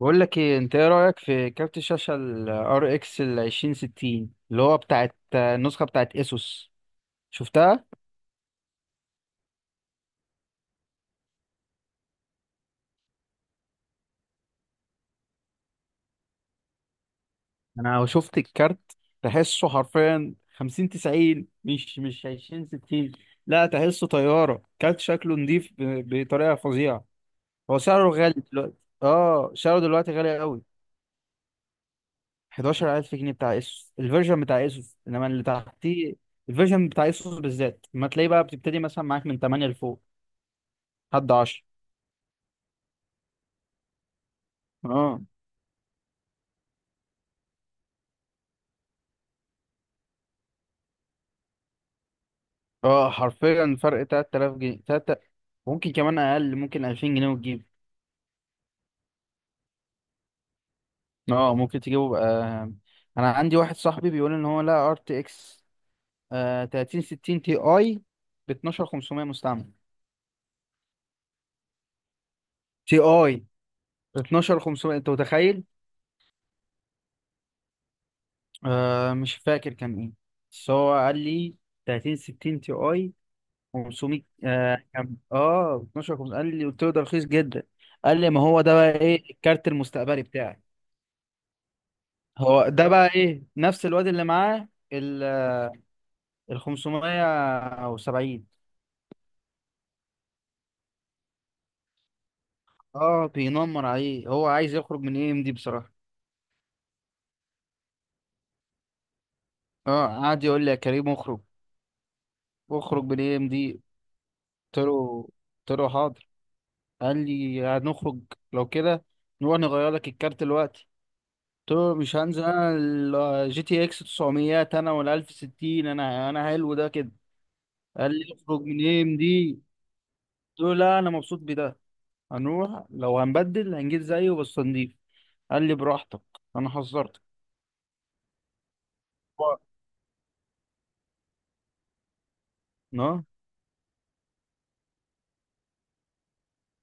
بقول لك ايه، انت ايه رايك في كارت الشاشه ال RX ال 2060 اللي هو بتاعت النسخه بتاعت اسوس؟ شفتها؟ انا شفت الكارت، تحسه حرفيا 50 90، مش 20 60. لا، تحسه طياره، كارت شكله نضيف بطريقه فظيعه. هو سعره غالي دلوقتي. اه، سعره دلوقتي غالي قوي. 11,000 جنيه بتاع اسوس، الفيرجن بتاع اسوس، انما اللي تحتيه، الفيرجن بتاع اسوس بالذات ما تلاقيه بقى، بتبتدي مثلا معاك من 8 لفوق لحد 10. اه، اه، حرفيا فرق 3000 جنيه، تلاتة. ممكن كمان اقل، ممكن 2000 جنيه وتجيب. اه، ممكن تجيبه بقى. انا عندي واحد صاحبي بيقول ان هو، لا، ار تي اكس 3060 تي اي ب 12,500 مستعمل. تي اي ب 12,500، انت متخيل؟ آه، مش فاكر كان ايه، بس هو قال لي 3060 تي اي. 500، ب 12,500 قال لي، قلت له ده رخيص جدا. قال لي ما هو ده بقى ايه الكارت المستقبلي بتاعي. هو ده بقى ايه، نفس الواد اللي معاه ال ال 500 او 70. اه، بينمر عليه، هو عايز يخرج من اي ام دي بصراحة. اه، قعد يقول لي: يا كريم اخرج، اخرج من اي ام دي. قلت له قلت له حاضر. قال لي هنخرج، لو كده نروح نغير لك الكارت دلوقتي. قلت له مش هنزل انا، الجي تي اكس 900 انا ولا 1060 انا حلو ده كده. قال لي اخرج من اي ام دي. قلت له لا، انا مبسوط بده، هنروح لو هنبدل هنجيب زيه بس نضيف. قال لي براحتك، انا حذرتك. هو- اه،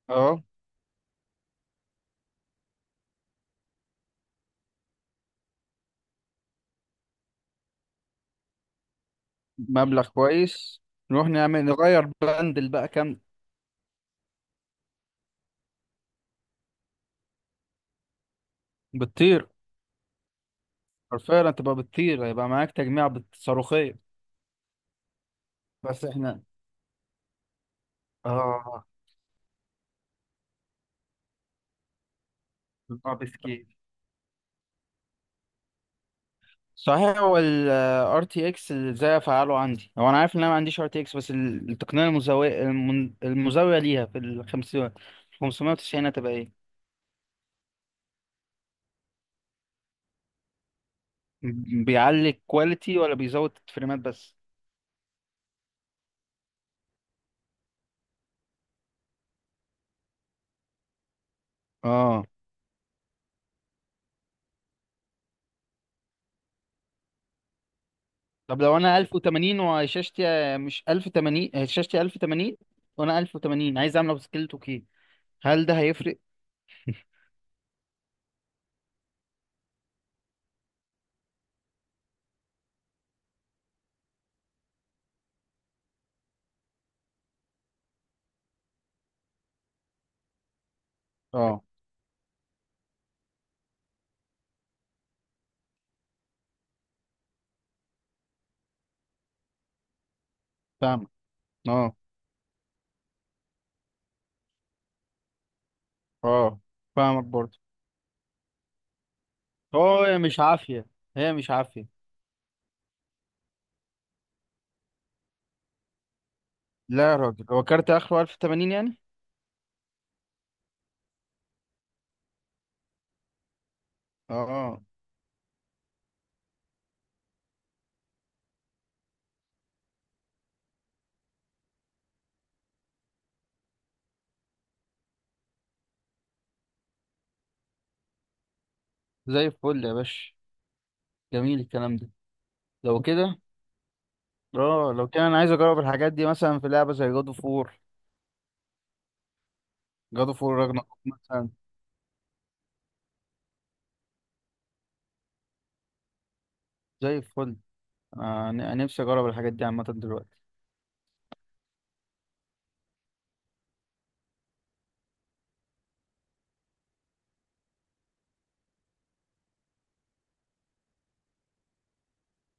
اه، مبلغ كويس. نروح نعمل نغير بندل بقى كام؟ بتطير، حرفيا تبقى بتطير، هيبقى معاك تجميع صاروخية. بس احنا، اه، اه، بسكيت. صحيح، هو ال RTX ازاي افعله عندي؟ هو انا عارف ان انا ما عنديش RTX، بس التقنية المزاوية المزاوية ليها في ال 50 590 هتبقى ايه؟ بيعلي الكواليتي ولا بيزود الفريمات بس؟ اه. طب لو انا 1080 وشاشتي، مش 1080، شاشتي 1080، وانا 1080 عايز اعمل سكيل 2K، هل ده هيفرق؟ اه، فاهمك. اه، اه، فاهمك برضه. هو، هي مش عافية، هي مش عافية. لا يا راجل، هو كارت اخره 1080 يعني؟ اه، زي الفل يا باشا، جميل الكلام ده. لو كده، اه، لو كده انا عايز اجرب الحاجات دي مثلا في لعبة زي جادو فور، جادو فور راجناروك مثلا. زي الفل، انا نفسي اجرب الحاجات دي عامة دلوقتي.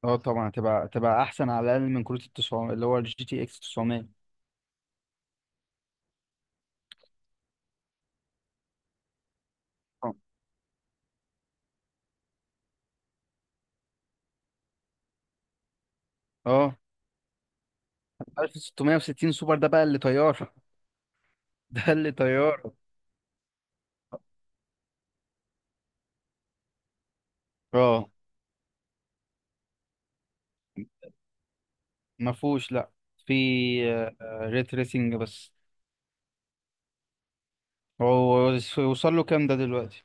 اه، طبعا هتبقى احسن، على الاقل من كروت ال 900، اللي هو الجي تي اكس 900. اه، اه، 1660 سوبر ده بقى اللي طيار. ده اللي طيار. اه، ما فيهوش، لا، في ريت ريسنج بس. هو وصل له كام ده دلوقتي؟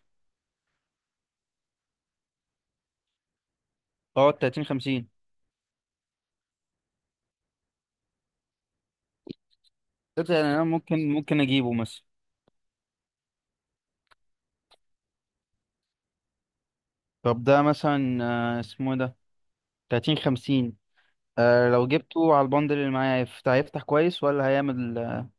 اه، 30 50. قلت يعني انا ممكن اجيبه مثلا. طب ده مثلا، اسمه إيه ده، 30 50. لو جبته على البندل اللي معايا هيفتح كويس ولا هيعمل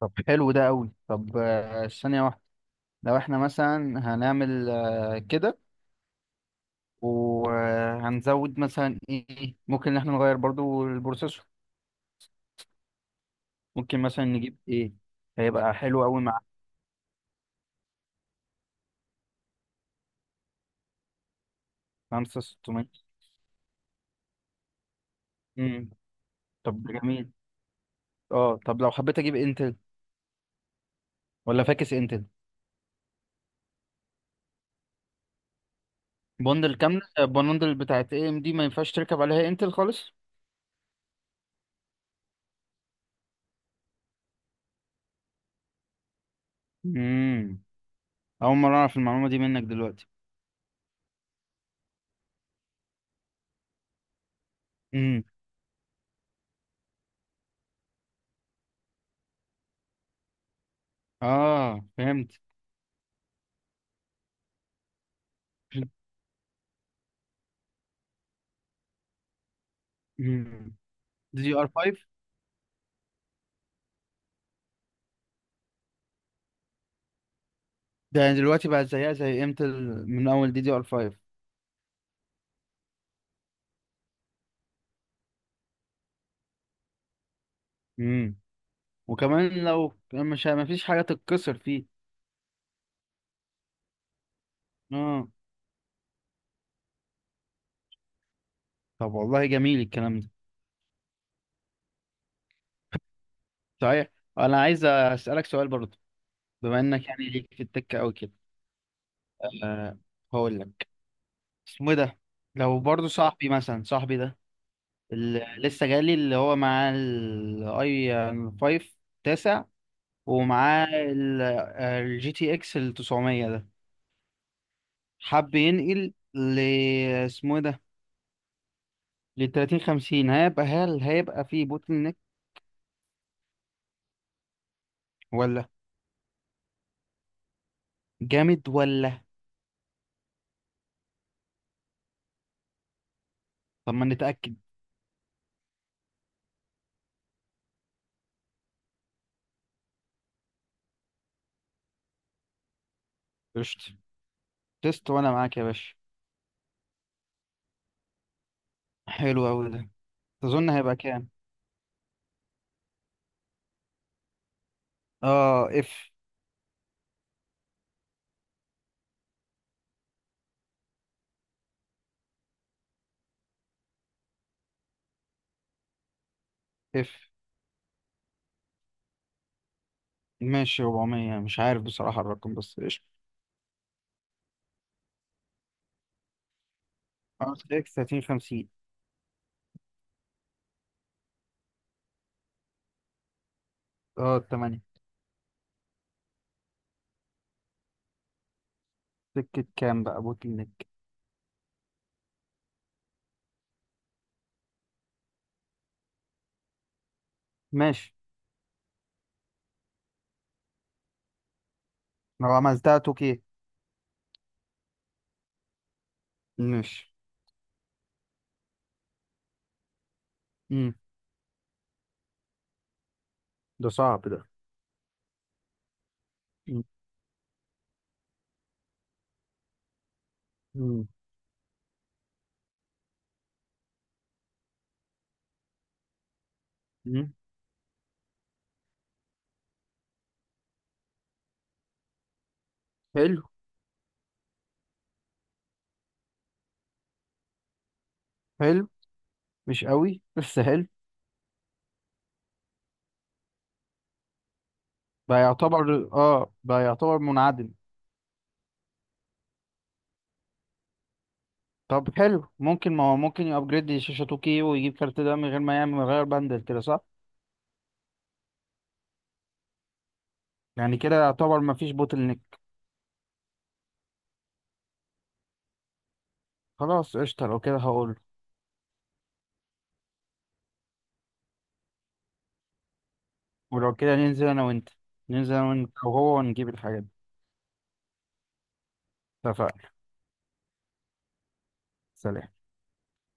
طب حلو ده قوي. طب، ثانية واحدة، لو احنا مثلا هنعمل كده، وهنزود مثلا ايه؟ ممكن ان احنا نغير برضو البروسيسور؟ ممكن مثلا نجيب ايه هيبقى حلو قوي مع 5600؟ امم. طب ده جميل. اه، طب لو حبيت اجيب انتل ولا فاكس انتل؟ بوندل كاملة، البوندل بتاعت اي ام دي ما ينفعش تركب عليها انتل خالص. امم، اول مرة اعرف المعلومة دي منك دلوقتي. امم. اه، فهمت. امم، دي دي ار 5، ده دلوقتي بقى زيها زي انتل من اول دي دي ار 5. امم. وكمان لو مش، ما فيش حاجة تتكسر فيه. اه، طب والله جميل الكلام ده. صحيح، انا عايز اسألك سؤال برضه، بما انك يعني ليك في التكة او كده. أه، هقول لك، اسمه إيه ده، لو برضه صاحبي مثلا، صاحبي ده اللي لسه جالي، اللي هو معاه الاي 5 تاسع، ومعاه الجي تي اكس ال 900 ده، حب ينقل ل، اسمه إيه ده، لل 30 50، هل هيبقى فيه بوتل نيك ولا؟ جامد ولا؟ طب ما نتأكد. قشطة، تيست وانا معاك يا باشا. حلو اوي ده. تظن هيبقى كام؟ اه، اف. ماشي، 400، مش عارف بصراحة الرقم، بس قشطة. اه، 30 50. اه، 8. سكة كام بقى بوتل نيك؟ ماشي. لو عملتها توكي. ماشي. امم، ده صعب ده. مم. مم. مم. حلو. حلو، مش قوي بس حلو. بقى يعتبر، منعدم. طب حلو، ممكن، ما هو ممكن يابجريد شاشة 2K ويجيب كارت ده من غير ما يعمل، من غير بندل، كده صح؟ يعني كده يعتبر ما فيش بوتل نيك. خلاص، قشطة، لو كده هقول. ولو كده ننزل انا وانت وهو، ونجيب الحاجات دي. اتفقنا. سلام.